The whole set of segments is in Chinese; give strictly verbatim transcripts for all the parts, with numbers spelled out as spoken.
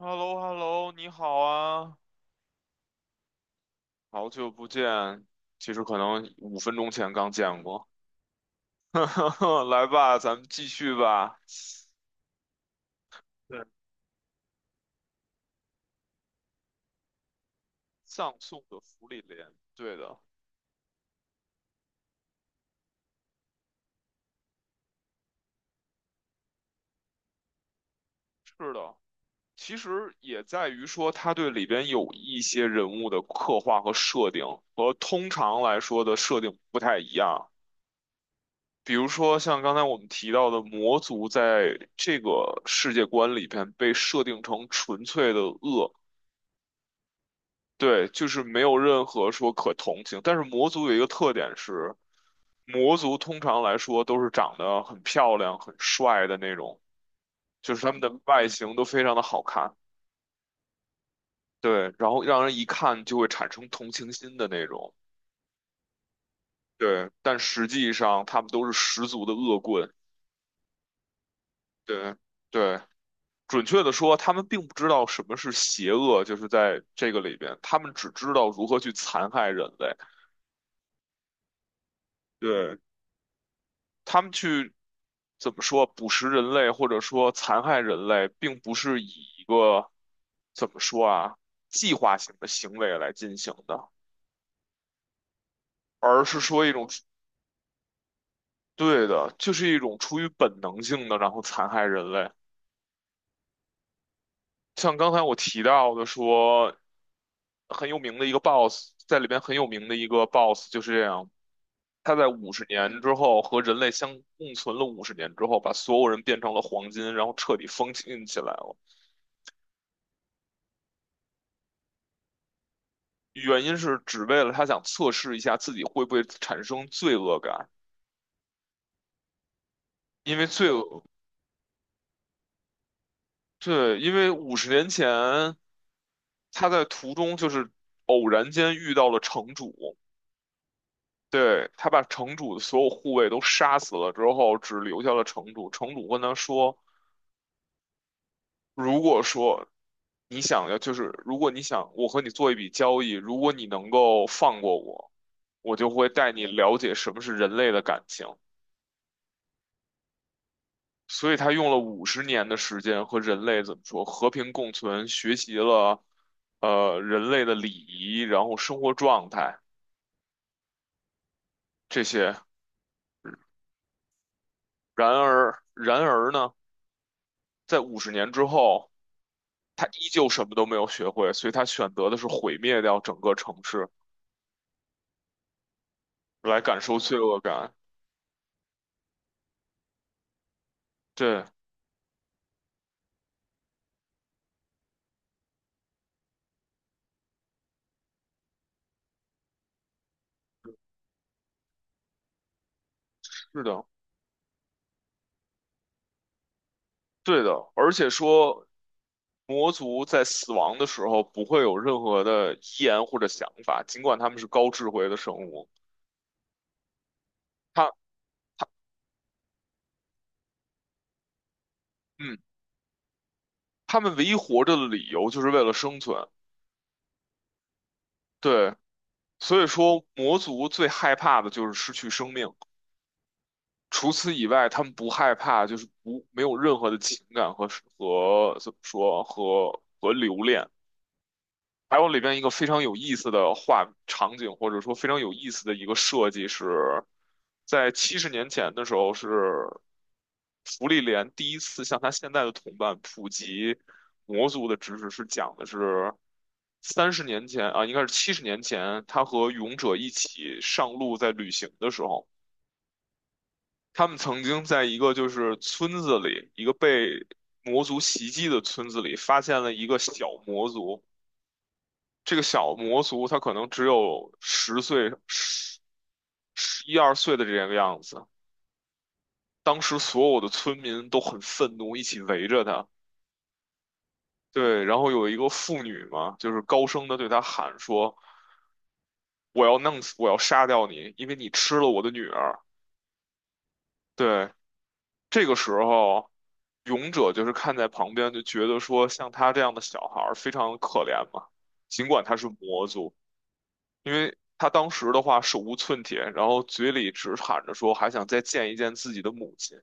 h e l l o h e l l o 你好啊，好久不见。其实可能五分钟前刚见过。来吧，咱们继续吧。对，葬送的芙莉莲，对的，是的。其实也在于说，他对里边有一些人物的刻画和设定，和通常来说的设定不太一样。比如说，像刚才我们提到的魔族，在这个世界观里边被设定成纯粹的恶。对，就是没有任何说可同情。但是魔族有一个特点是，魔族通常来说都是长得很漂亮、很帅的那种，就是他们的外形都非常的好看，对，然后让人一看就会产生同情心的那种，对。但实际上他们都是十足的恶棍，对对。准确的说，他们并不知道什么是邪恶，就是在这个里边，他们只知道如何去残害人类。对。他们去怎么说捕食人类或者说残害人类，并不是以一个怎么说啊计划性的行为来进行的，而是说一种对的，就是一种出于本能性的，然后残害人类。像刚才我提到的说，很有名的一个 boss，在里边很有名的一个 boss 就是这样。他在五十年之后和人类相共存了五十年之后，把所有人变成了黄金，然后彻底封禁起来了。原因是只为了他想测试一下自己会不会产生罪恶感，因为罪恶，对，因为五十年前他在途中就是偶然间遇到了城主，对，他把城主的所有护卫都杀死了之后，只留下了城主。城主跟他说：“如果说你想要，就是如果你想我和你做一笔交易，如果你能够放过我，我就会带你了解什么是人类的感情。”所以他用了五十年的时间和人类怎么说和平共存，学习了呃人类的礼仪，然后生活状态这些。然而，然而呢，在五十年之后，他依旧什么都没有学会，所以他选择的是毁灭掉整个城市，来感受罪恶感。对，是的，对的，而且说。魔族在死亡的时候不会有任何的遗言或者想法，尽管他们是高智慧的生物。他，嗯。他们唯一活着的理由就是为了生存。对，所以说魔族最害怕的就是失去生命，除此以外，他们不害怕，就是不没有任何的情感和和怎么说和和留恋。还有里边一个非常有意思的画场景，或者说非常有意思的一个设计是，在七十年前的时候，是福利莲第一次向他现在的同伴普及魔族的知识，是讲的是三十年前啊，应该是七十年前，他和勇者一起上路在旅行的时候，他们曾经在一个就是村子里，一个被魔族袭击的村子里，发现了一个小魔族。这个小魔族他可能只有十岁、十十一二岁的这个样子。当时所有的村民都很愤怒，一起围着他。对，然后有一个妇女嘛，就是高声的对他喊说：“我要弄死，我要杀掉你，因为你吃了我的女儿。”对，这个时候，勇者就是看在旁边，就觉得说像他这样的小孩儿非常可怜嘛，尽管他是魔族。因为他当时的话手无寸铁，然后嘴里只喊着说还想再见一见自己的母亲，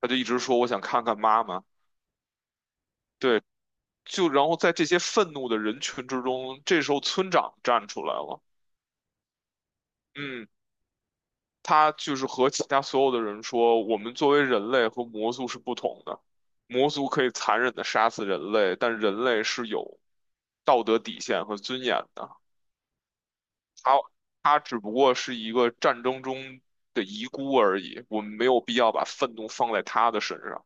他就一直说我想看看妈妈。对，就然后在这些愤怒的人群之中，这时候村长站出来了，嗯，他就是和其他所有的人说，我们作为人类和魔族是不同的，魔族可以残忍的杀死人类，但人类是有道德底线和尊严的。他只不过是一个战争中的遗孤而已，我们没有必要把愤怒放在他的身上。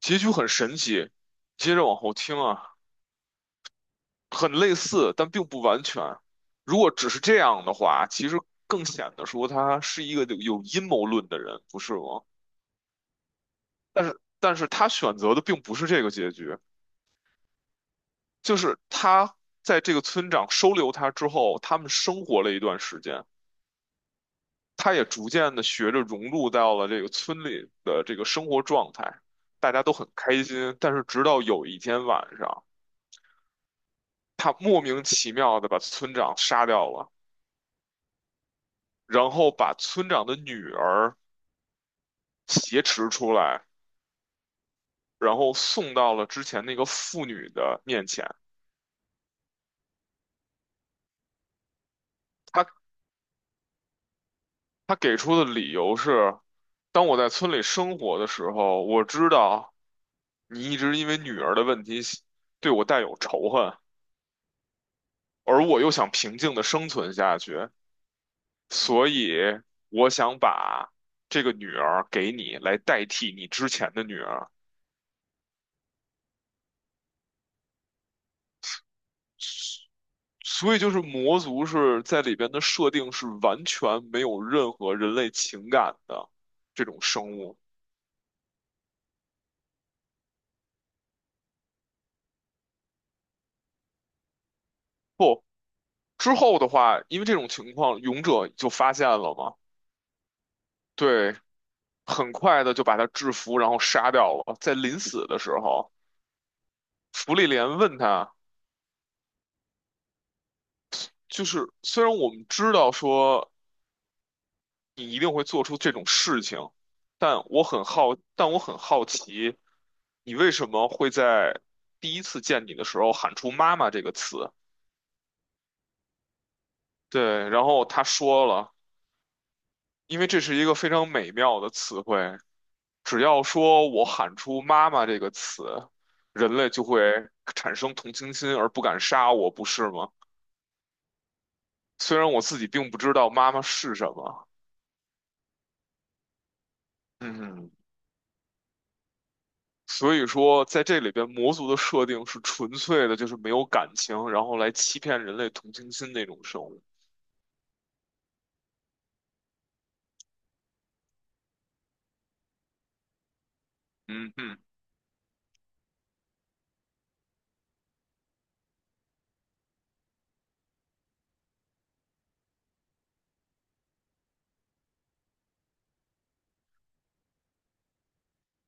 结局很神奇，接着往后听啊，很类似，但并不完全。如果只是这样的话，其实更显得说他是一个有有阴谋论的人，不是吗？但是，但是他选择的并不是这个结局，就是他在这个村长收留他之后，他们生活了一段时间。他也逐渐的学着融入到了这个村里的这个生活状态，大家都很开心。但是直到有一天晚上，他莫名其妙的把村长杀掉了，然后把村长的女儿挟持出来，然后送到了之前那个妇女的面前。他他给出的理由是：当我在村里生活的时候，我知道你一直因为女儿的问题对我带有仇恨。而我又想平静的生存下去，所以我想把这个女儿给你，来代替你之前的女儿。所以就是魔族是在里边的设定是完全没有任何人类情感的这种生物。不，之后的话，因为这种情况，勇者就发现了嘛，对，很快的就把他制服，然后杀掉了。在临死的时候，芙莉莲问他，就是虽然我们知道说。你一定会做出这种事情。但我很好，但我很好奇，你为什么会在第一次见你的时候喊出“妈妈”这个词？对，然后他说了，因为这是一个非常美妙的词汇，只要说我喊出“妈妈”这个词，人类就会产生同情心而不敢杀我，不是吗？虽然我自己并不知道妈妈是什么。嗯。所以说，在这里边，魔族的设定是纯粹的，就是没有感情，然后来欺骗人类同情心那种生物。嗯嗯，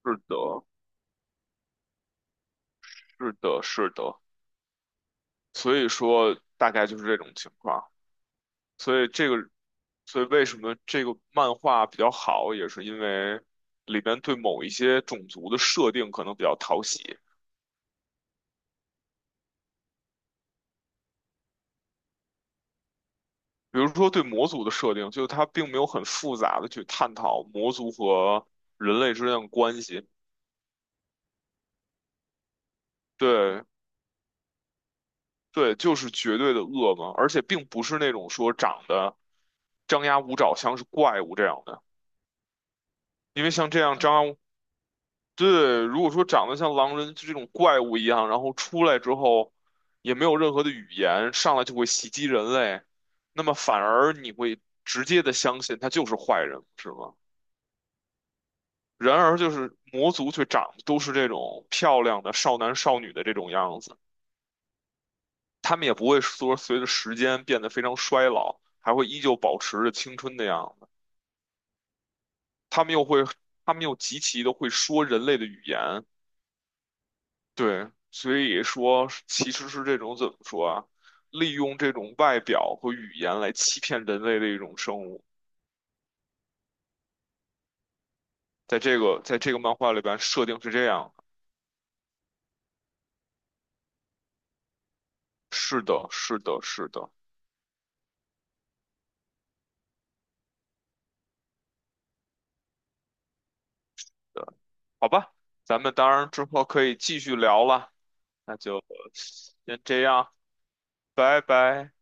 是的，是的，是的。所以说，大概就是这种情况。所以这个，所以为什么这个漫画比较好，也是因为里边对某一些种族的设定可能比较讨喜。比如说对魔族的设定，就是它并没有很复杂的去探讨魔族和人类之间的关系。对，对，就是绝对的恶嘛，而且并不是那种说长得张牙舞爪像是怪物这样的，因为像这样张牙，对，如果说长得像狼人就这种怪物一样，然后出来之后也没有任何的语言，上来就会袭击人类，那么反而你会直接的相信他就是坏人，是吗？然而就是魔族却长得都是这种漂亮的少男少女的这种样子。他们也不会说随着时间变得非常衰老，还会依旧保持着青春的样子。他们又会，他们又极其的会说人类的语言，对，所以说其实是这种怎么说啊？利用这种外表和语言来欺骗人类的一种生物，在这个在这个漫画里边设定是这样的。是的，是的，是的，对，好吧，咱们当然之后可以继续聊了，那就先这样，拜拜。